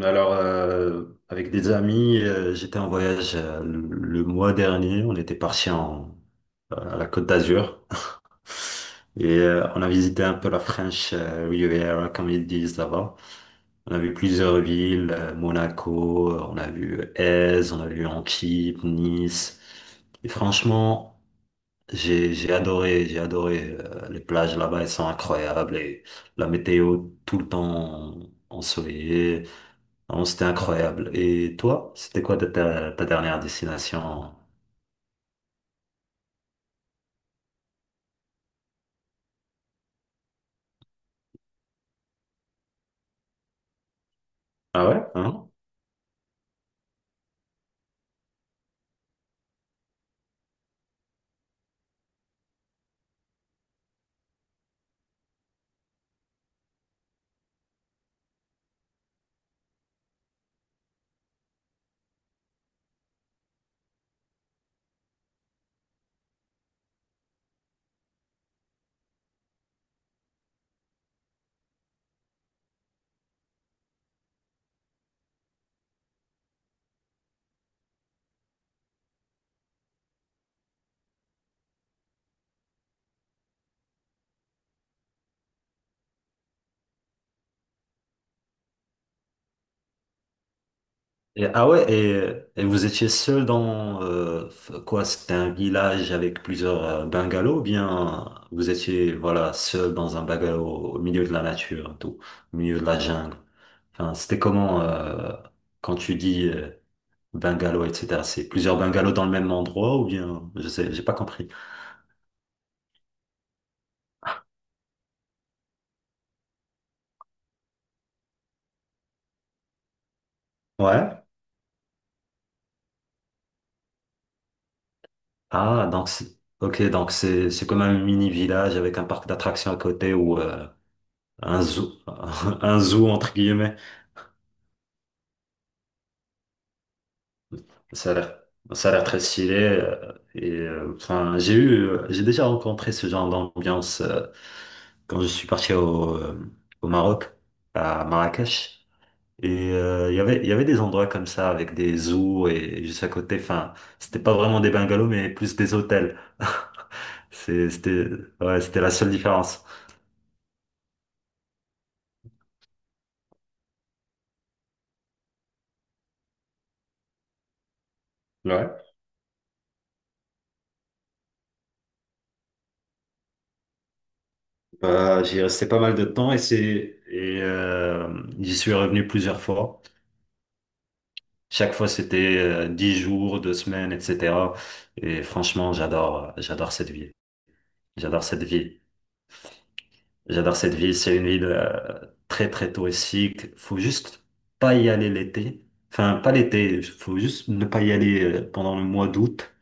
Alors, avec des amis, j'étais en voyage le mois dernier. On était parti à la Côte d'Azur et on a visité un peu la French Riviera, comme ils disent là-bas. On a vu plusieurs villes, Monaco, on a vu Aise, on a vu Antibes, Nice. Et franchement, j'ai adoré, j'ai adoré. Les plages là-bas, elles sont incroyables et la météo tout le temps ensoleillée. Non, c'était incroyable. Et toi, c'était quoi ta dernière destination? Ah ouais? Hein? Ah ouais, et vous étiez seul dans quoi? C'était un village avec plusieurs bungalows, ou bien vous étiez voilà seul dans un bungalow au milieu de la nature, au milieu de la jungle. Enfin, c'était comment quand tu dis bungalow, etc. C'est plusieurs bungalows dans le même endroit ou bien je sais, j'ai pas compris. Ouais. Ah, Ok, donc c'est comme un mini village avec un parc d'attractions à côté ou un zoo un zoo entre guillemets. Ça a l'air ça a l'air très stylé et enfin j'ai déjà rencontré ce genre d'ambiance quand je suis parti au Maroc à Marrakech et il y avait des endroits comme ça avec des zoos et juste à côté enfin c'était pas vraiment des bungalows mais plus des hôtels. C'est- C'était Ouais, c'était la seule différence. Ouais. J'y restais pas mal de temps et c'est et j'y suis revenu plusieurs fois. Chaque fois, c'était 10 jours, 2 semaines, etc. Et franchement, j'adore, j'adore cette ville. J'adore cette ville. J'adore cette ville. C'est une ville très très touristique. Faut juste pas y aller l'été. Enfin, pas l'été. Faut juste ne pas y aller pendant le mois d'août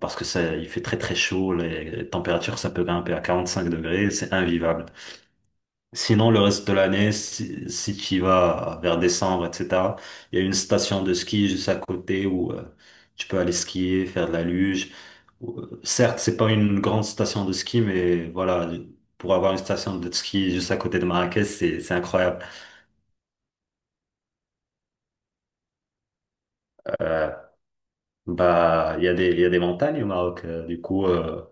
parce que ça, il fait très très chaud. Les températures, ça peut grimper à 45 degrés. C'est invivable. Sinon, le reste de l'année, si tu y vas vers décembre, etc., il y a une station de ski juste à côté où tu peux aller skier, faire de la luge. Certes, c'est pas une grande station de ski, mais voilà, pour avoir une station de ski juste à côté de Marrakech, c'est incroyable. Euh, bah, il y a des montagnes au Maroc. Du coup, euh,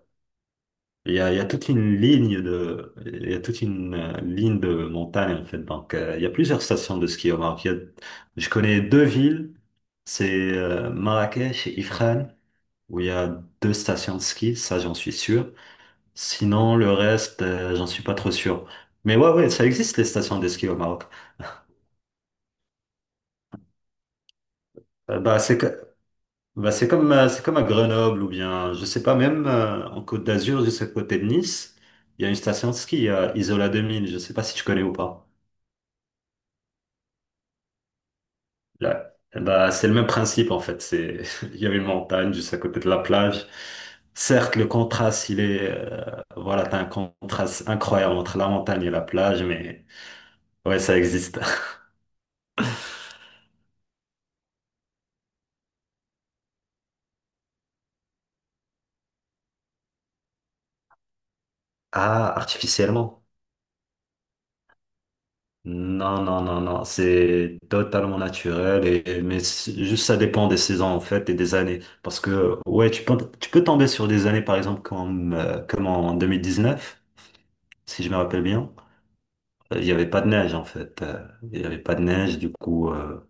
Il y a toute une ligne de montagne en fait. Donc, il y a plusieurs stations de ski au Maroc. Je connais deux villes, c'est Marrakech et Ifrane, où il y a deux stations de ski, ça j'en suis sûr. Sinon, le reste, j'en suis pas trop sûr. Mais ouais, ouais, ça existe les stations de ski au Maroc. Euh, bah c'est, que- bah c'est comme à Grenoble ou bien, je sais pas, même en Côte d'Azur, juste à côté de Nice, il y a une station de ski, à Isola 2000. Je sais pas si tu connais ou pas. Là, eh ben, c'est le même principe en fait. Il y a une montagne juste à côté de la plage. Certes, le contraste, voilà, t'as un contraste incroyable entre la montagne et la plage, mais ouais, ça existe. Ah, artificiellement? Non, non, non, non. C'est totalement naturel mais juste ça dépend des saisons en fait et des années. Parce que ouais, tu peux tomber sur des années par exemple comme en 2019, si je me rappelle bien. Il n'y avait pas de neige en fait. Il n'y avait pas de neige, du coup,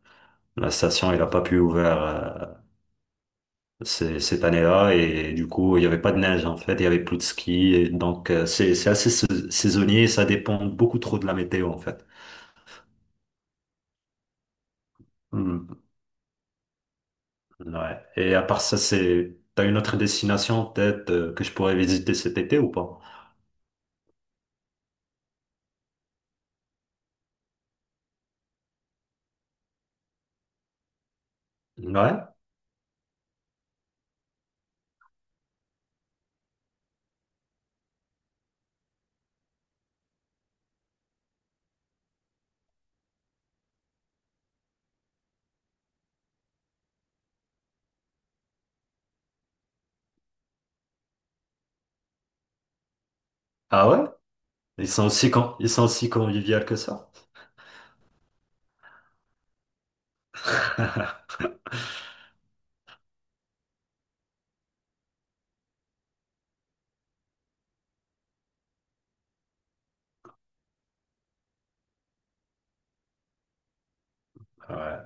la station elle n'a pas pu ouvrir cette année-là et du coup, il n'y avait pas de neige en fait. Il y avait plus de ski, et donc c'est assez saisonnier. Ça dépend beaucoup trop de la météo en fait. Hmm. Ouais. Et à part ça, c'est t'as une autre destination peut-être que je pourrais visiter cet été ou pas? Ouais. Ah ouais? Ils sont aussi conviviaux que ça. Ouais.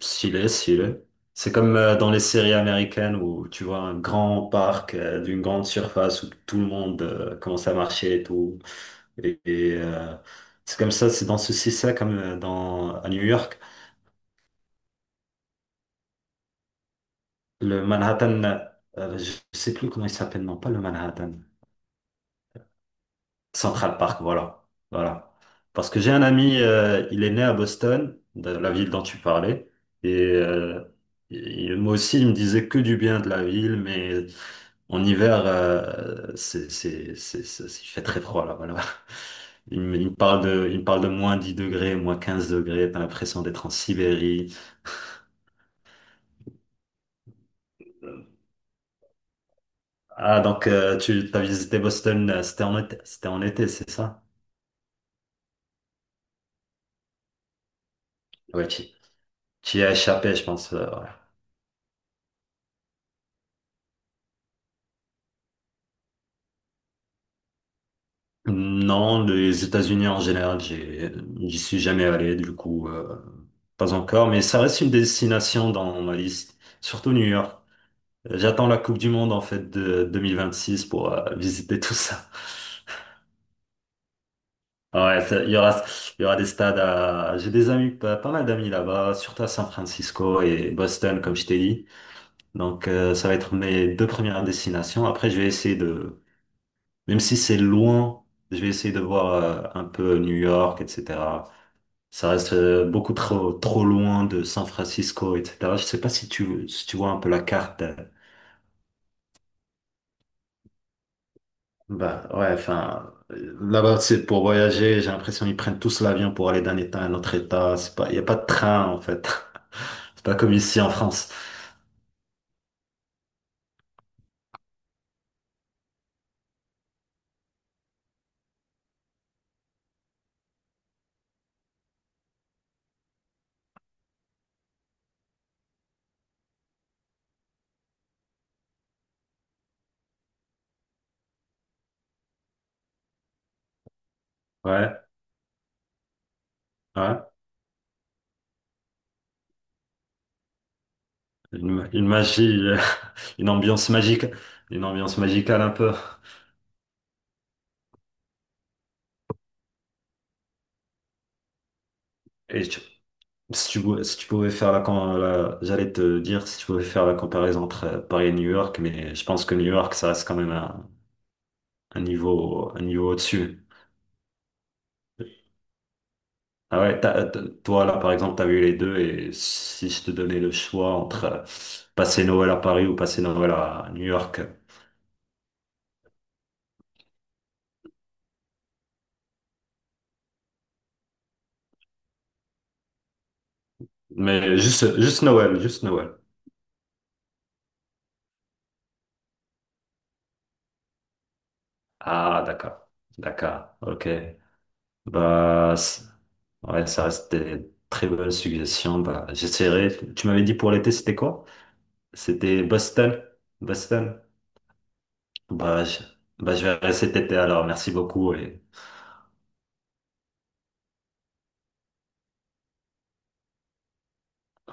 S'il est. C'est comme dans les séries américaines où tu vois un grand parc d'une grande surface où tout le monde commence à marcher et tout. Et, c'est comme ça, c'est dans ce ça comme à New York. Le Manhattan, je sais plus comment il s'appelle, non, pas le Manhattan. Central Park, voilà. Voilà. Parce que j'ai un ami, il est né à Boston, de la ville dont tu parlais, et moi aussi, il me disait que du bien de la ville, mais en hiver, il fait très froid là-bas. Il me parle de -10 degrés, -15 degrés, t'as l'impression d'être en Sibérie. Ah, donc tu as visité Boston, c'était en été, c'est ça? Ouais, tu y as échappé, je pense. Non, les États-Unis en général, j'y suis jamais allé, du coup, pas encore, mais ça reste une destination dans ma liste, surtout New York. J'attends la Coupe du Monde, en fait, de 2026 pour visiter tout ça. Ouais, il y aura des stades à, j'ai des amis, pas mal d'amis là-bas, surtout à San Francisco et Boston, comme je t'ai dit. Donc, ça va être mes deux premières destinations. Après, je vais essayer de, même si c'est loin, je vais essayer de voir un peu New York, etc. Ça reste beaucoup trop loin de San Francisco, etc. Je sais pas si tu vois un peu la carte. Bah ouais, enfin, là-bas, c'est pour voyager. J'ai l'impression qu'ils prennent tous l'avion pour aller d'un état à un autre état. C'est pas, il n'y a pas de train, en fait. C'est pas comme ici en France. Ouais, ouais. Une magie, une ambiance magique, une ambiance magicale un peu. Et tu- si tu, pouvais- si tu pouvais faire la, J'allais te dire si tu pouvais faire la comparaison entre Paris et New York, mais je pense que New York, ça reste quand même un niveau au-dessus. Ah ouais, toi, là, par exemple, t'as vu les deux, et si je te donnais le choix entre passer Noël à Paris ou passer Noël à New York, mais juste Noël, juste Noël. Ah, d'accord, d'accord, ok. Bah, ouais, ça reste des très bonnes suggestions. Bah, j'essaierai. Tu m'avais dit pour l'été, c'était quoi? C'était Boston, Boston. Bah, je verrai cet été alors. Merci beaucoup et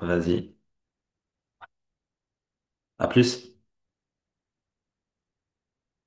vas-y. À plus.